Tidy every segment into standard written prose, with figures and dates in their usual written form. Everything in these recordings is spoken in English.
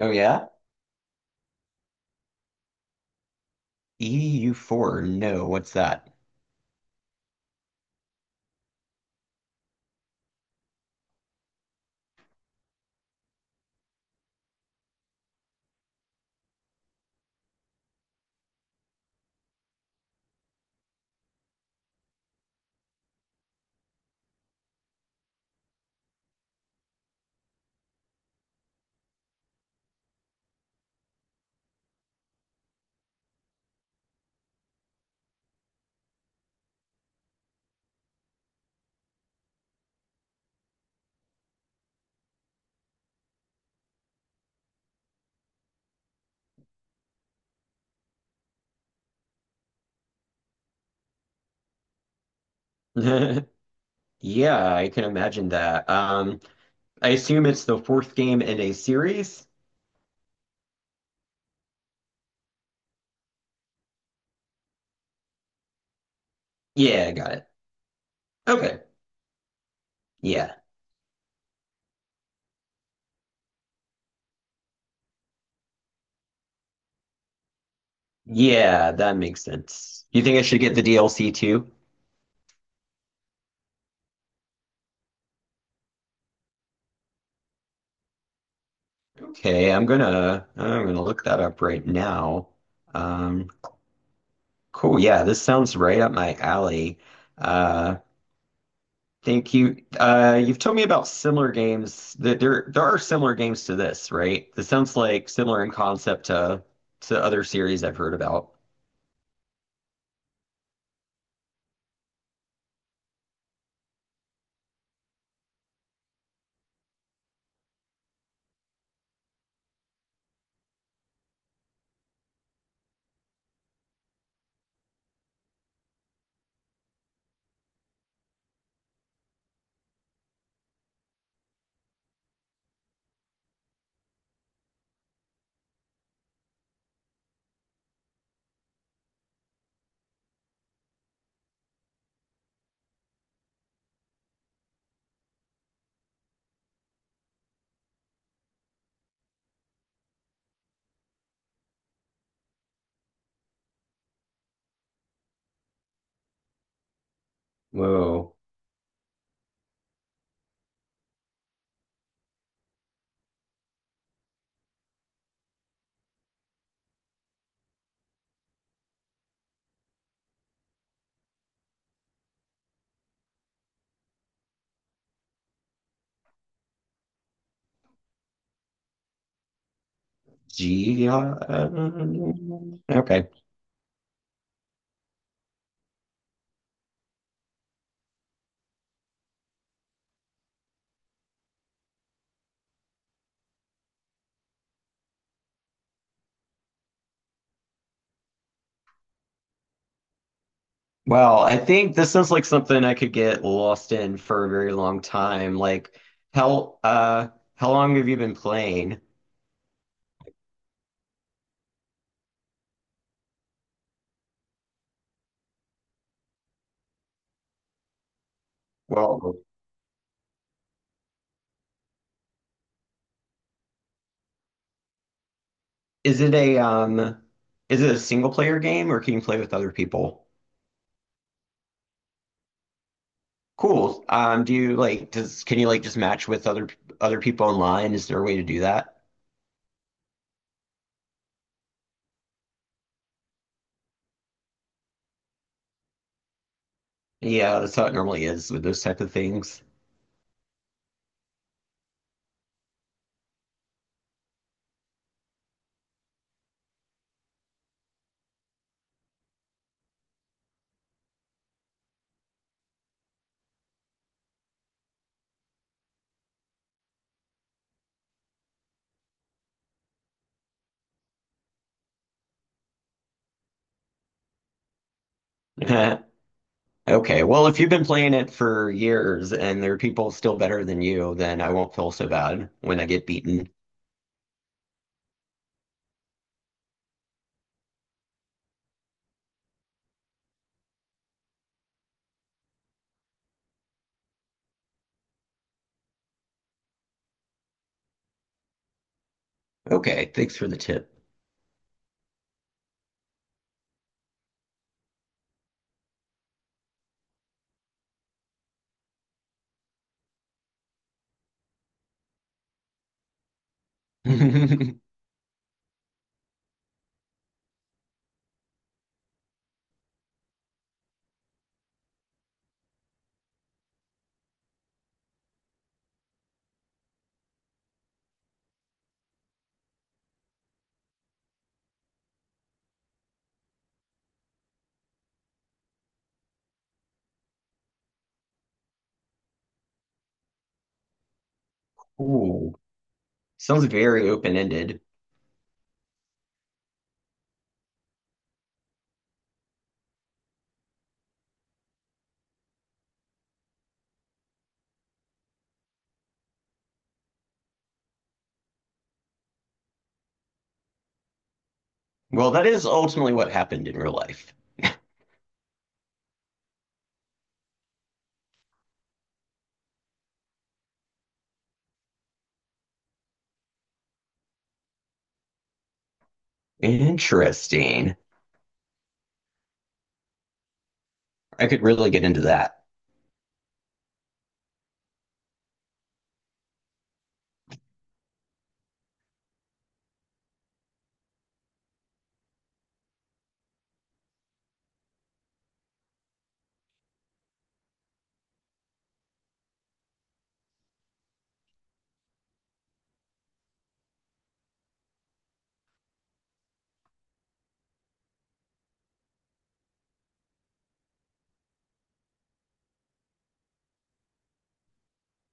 Oh yeah? EU4. No, what's that? Yeah, I can imagine that. I assume it's the fourth game in a series? Yeah, I got it. Okay. Yeah. Yeah, that makes sense. You think I should get the DLC too? Okay, I'm gonna look that up right now. Um, cool. Yeah, this sounds right up my alley. Uh, Thank you. You've told me about similar games that there are similar games to this, right? This sounds like similar in concept to other series I've heard about. Whoa. G okay. Well, I think this sounds like something I could get lost in for a very long time. Like how how long have you been playing? Well, is it a is it a single player game, or can you play with other people? Cool. Do you like does can you like just match with other other people online? Is there a way to do that? Yeah, that's how it normally is with those type of things. Okay, well, if you've been playing it for years and there are people still better than you, then I won't feel so bad when I get beaten. Okay, thanks for the tip. Ooh, sounds very open-ended. Well, that is ultimately what happened in real life. Interesting. I could really get into that.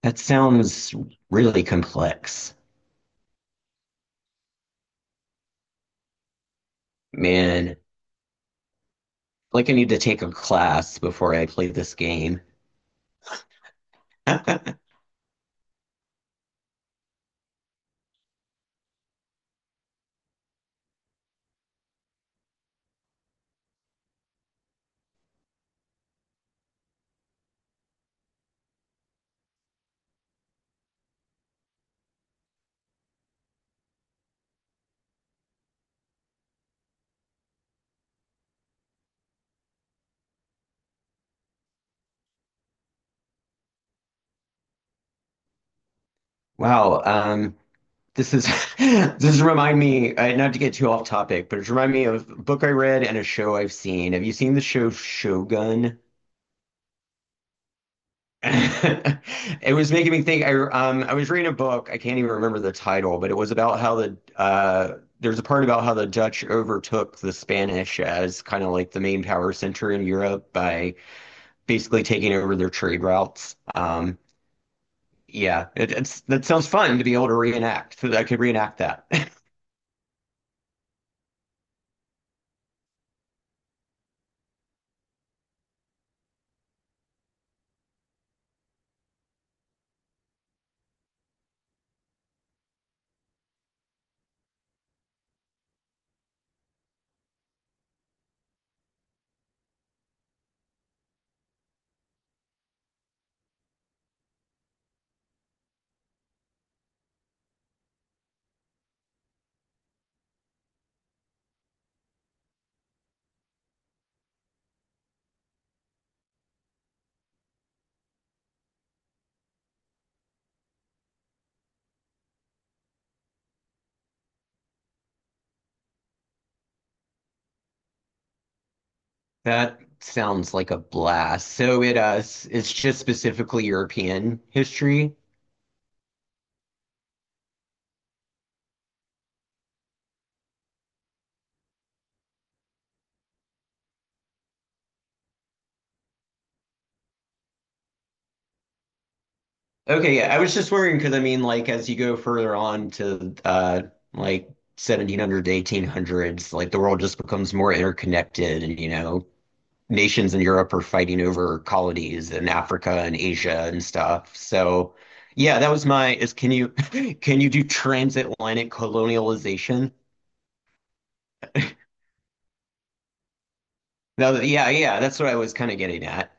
That sounds really complex. Man, like I need to take a class before I play this game. Wow, this is this remind me, not to get too off topic, but it's remind me of a book I read and a show I've seen. Have you seen the show Shogun? It was making me think. I was reading a book. I can't even remember the title, but it was about how there's a part about how the Dutch overtook the Spanish as kind of like the main power center in Europe by basically taking over their trade routes. Yeah, it's that sounds fun to be able to reenact. So I could reenact that. That sounds like a blast. So it it's just specifically European history. Okay, yeah, I was just wondering because I mean, like, as you go further on to like 1700 to 1800s, like the world just becomes more interconnected, and you know, nations in Europe are fighting over colonies in Africa and Asia and stuff. So yeah, that was my is can you can you do transatlantic colonialization? No, yeah, yeah, that's what I was kind of getting at.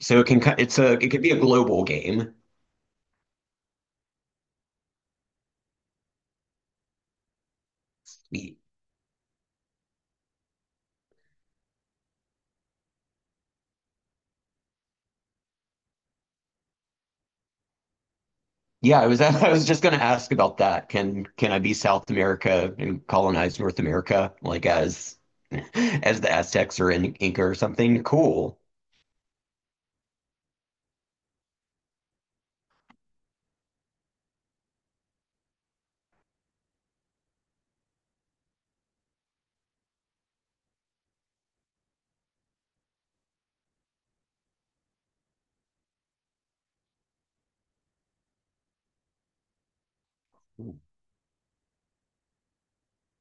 So it it's a it could be a global game. Yeah, I was I was just going to ask about that. Can I be South America and colonize North America like as as the Aztecs or in Inca or something? Cool.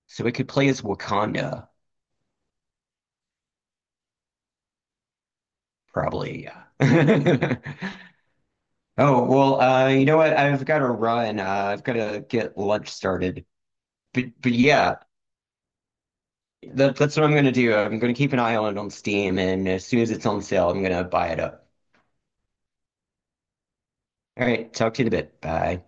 So it could play as Wakanda. Probably, yeah. Oh, well, you know what? I've got to run. I've got to get lunch started. But yeah, that, that's what I'm going to do. I'm going to keep an eye on it on Steam, and as soon as it's on sale, I'm going to buy it up. All right, talk to you in a bit. Bye.